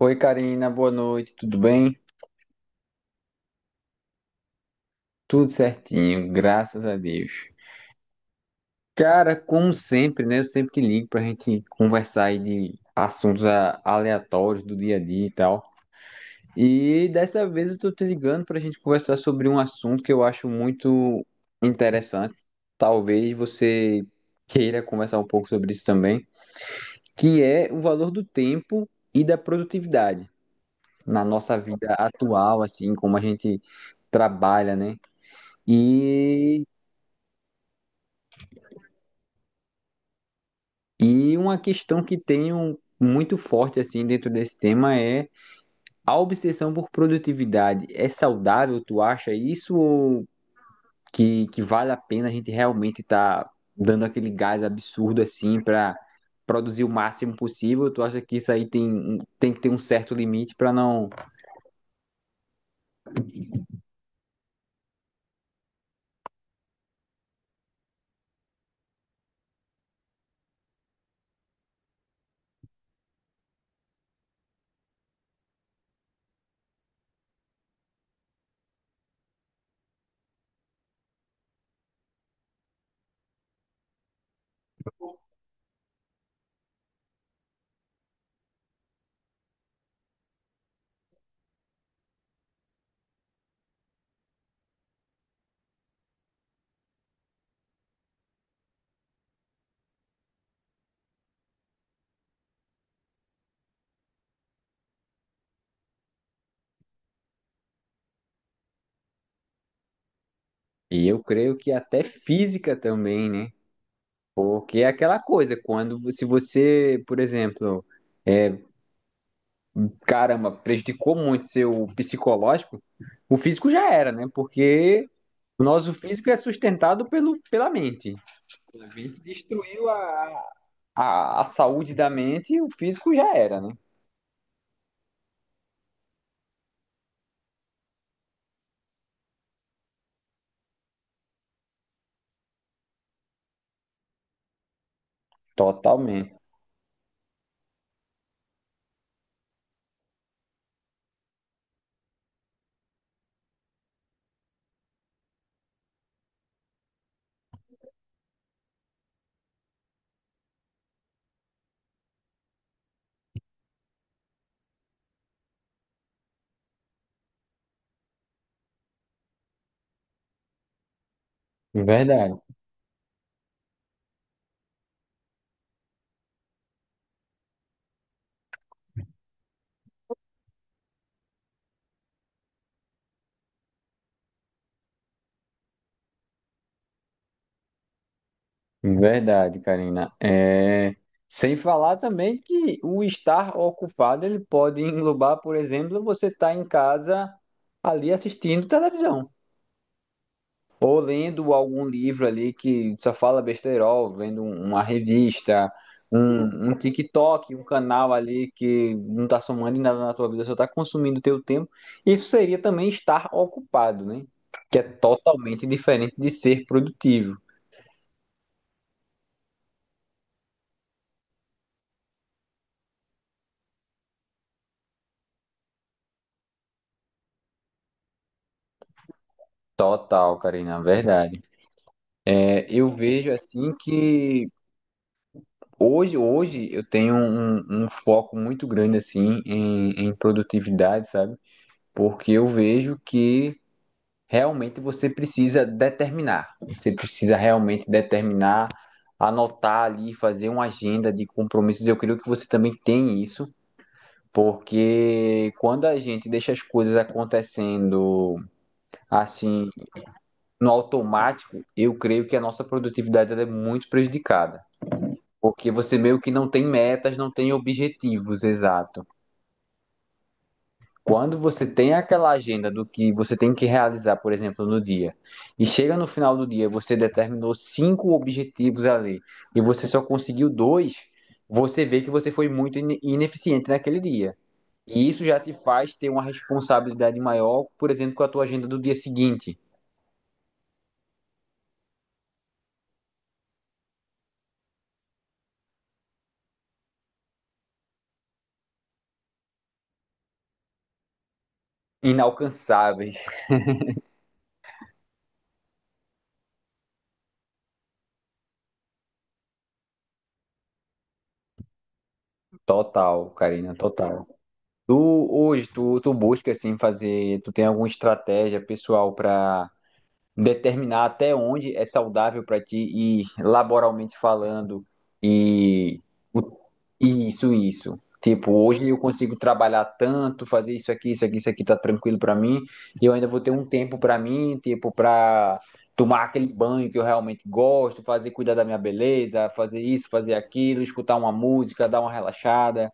Oi, Karina, boa noite, tudo bem? Tudo certinho, graças a Deus. Cara, como sempre, né? Eu sempre te ligo pra gente conversar aí de assuntos aleatórios do dia a dia e tal. E dessa vez eu tô te ligando pra gente conversar sobre um assunto que eu acho muito interessante. Talvez você queira conversar um pouco sobre isso também, que é o valor do tempo e da produtividade na nossa vida atual, assim, como a gente trabalha, né? E, e uma questão que tenho muito forte assim dentro desse tema é a obsessão por produtividade. É saudável, tu acha isso ou que vale a pena a gente realmente estar dando aquele gás absurdo assim para produzir o máximo possível? Tu acha que isso aí tem, tem que ter um certo limite para não. E eu creio que até física também, né? Porque é aquela coisa, quando se você, por exemplo é, caramba, prejudicou muito seu psicológico, o físico já era, né? Porque o nosso físico é sustentado pela mente. A mente destruiu a saúde da mente e o físico já era, né? Totalmente. Verdade, Verdade, Karina. Sem falar também que o estar ocupado ele pode englobar, por exemplo, você estar em casa ali assistindo televisão. Ou lendo algum livro ali que só fala besteirol, vendo uma revista, um TikTok, um canal ali que não tá somando em nada na tua vida, só tá consumindo teu tempo. Isso seria também estar ocupado, né? Que é totalmente diferente de ser produtivo. Total, Karina, verdade. É, eu vejo assim que hoje eu tenho um foco muito grande assim em produtividade, sabe? Porque eu vejo que realmente você precisa determinar. Você precisa realmente determinar, anotar ali, fazer uma agenda de compromissos. Eu creio que você também tem isso, porque quando a gente deixa as coisas acontecendo assim, no automático, eu creio que a nossa produtividade ela é muito prejudicada. Porque você meio que não tem metas, não tem objetivos, exato. Quando você tem aquela agenda do que você tem que realizar, por exemplo, no dia, e chega no final do dia, você determinou cinco objetivos ali, e você só conseguiu dois, você vê que você foi muito ineficiente naquele dia. E isso já te faz ter uma responsabilidade maior, por exemplo, com a tua agenda do dia seguinte. Inalcançáveis. Total, Karina, total. Tu busca assim fazer, tu tem alguma estratégia pessoal para determinar até onde é saudável para ti e laboralmente falando e e isso. Tipo, hoje eu consigo trabalhar tanto, fazer isso aqui, isso aqui, isso aqui tá tranquilo para mim, e eu ainda vou ter um tempo para mim, tipo, para tomar aquele banho que eu realmente gosto, fazer cuidar da minha beleza, fazer isso, fazer aquilo, escutar uma música, dar uma relaxada.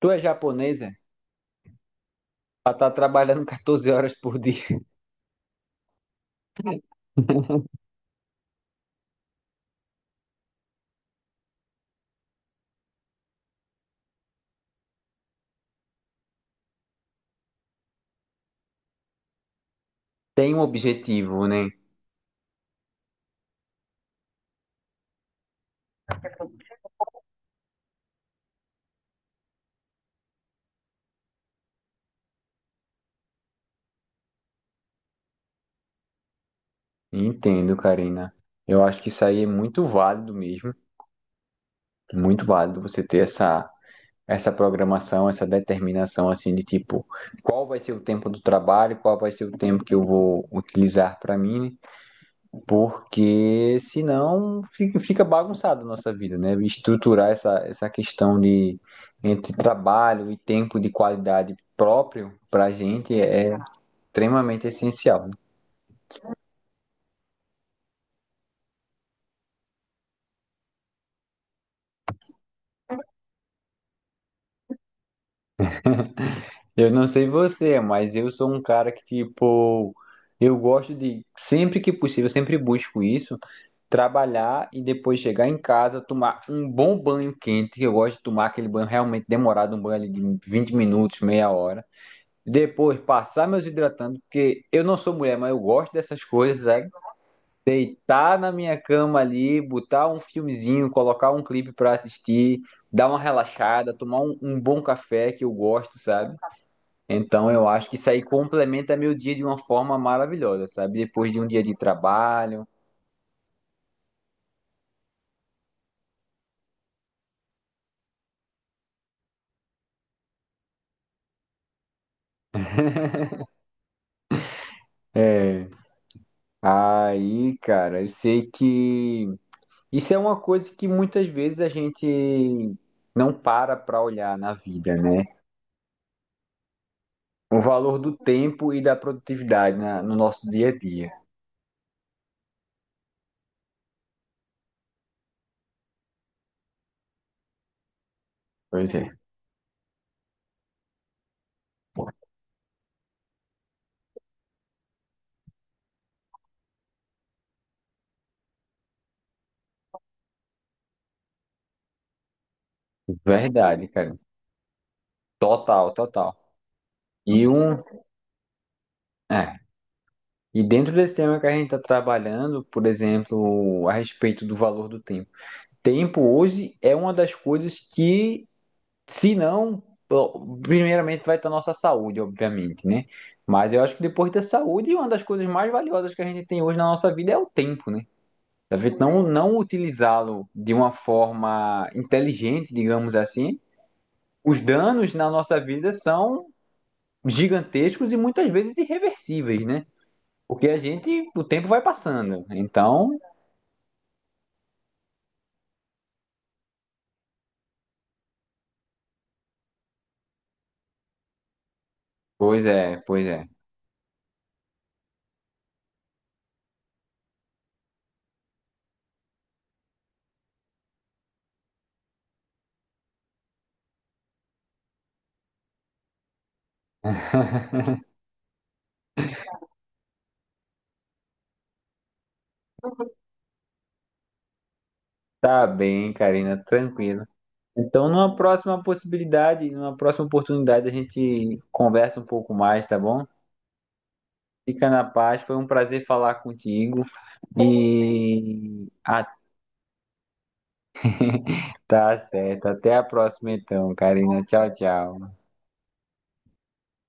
Tu é japonesa? Ela tá trabalhando 14 horas por dia. Tem um objetivo, né? Entendo, Karina. Eu acho que isso aí é muito válido mesmo, muito válido você ter essa programação, essa determinação assim de tipo, qual vai ser o tempo do trabalho, qual vai ser o tempo que eu vou utilizar para mim, né? Porque senão fica bagunçada a nossa vida, né? Estruturar essa questão de entre trabalho e tempo de qualidade próprio para a gente é extremamente essencial. Eu não sei você, mas eu sou um cara que, tipo, eu gosto de, sempre que possível, eu sempre busco isso, trabalhar e depois chegar em casa, tomar um bom banho quente, que eu gosto de tomar aquele banho realmente demorado, um banho ali de 20 minutos, meia hora. Depois passar meus hidratantes, porque eu não sou mulher, mas eu gosto dessas coisas, sabe? Deitar na minha cama ali, botar um filmezinho, colocar um clipe pra assistir, dar uma relaxada, tomar um bom café que eu gosto, sabe? Então, eu acho que isso aí complementa meu dia de uma forma maravilhosa, sabe? Depois de um dia de trabalho. É. Aí, cara, eu sei que isso é uma coisa que muitas vezes a gente não para pra olhar na vida, né? O valor do tempo e da produtividade no nosso dia a dia. Pois é. Verdade, cara. Total, total. E um. É. E dentro desse tema que a gente está trabalhando, por exemplo, a respeito do valor do tempo. Tempo hoje é uma das coisas que, se não, primeiramente vai estar nossa saúde, obviamente, né? Mas eu acho que depois da saúde, uma das coisas mais valiosas que a gente tem hoje na nossa vida é o tempo, né? A gente não utilizá-lo de uma forma inteligente, digamos assim, os danos na nossa vida são gigantescos e muitas vezes irreversíveis, né? Porque a gente, o tempo vai passando. Então, pois é. Tá bem, Karina, tranquilo. Então, numa próxima possibilidade, numa próxima oportunidade, a gente conversa um pouco mais, tá bom? Fica na paz, foi um prazer falar contigo. E ah, tá certo. Até a próxima então, Karina. Tchau, tchau.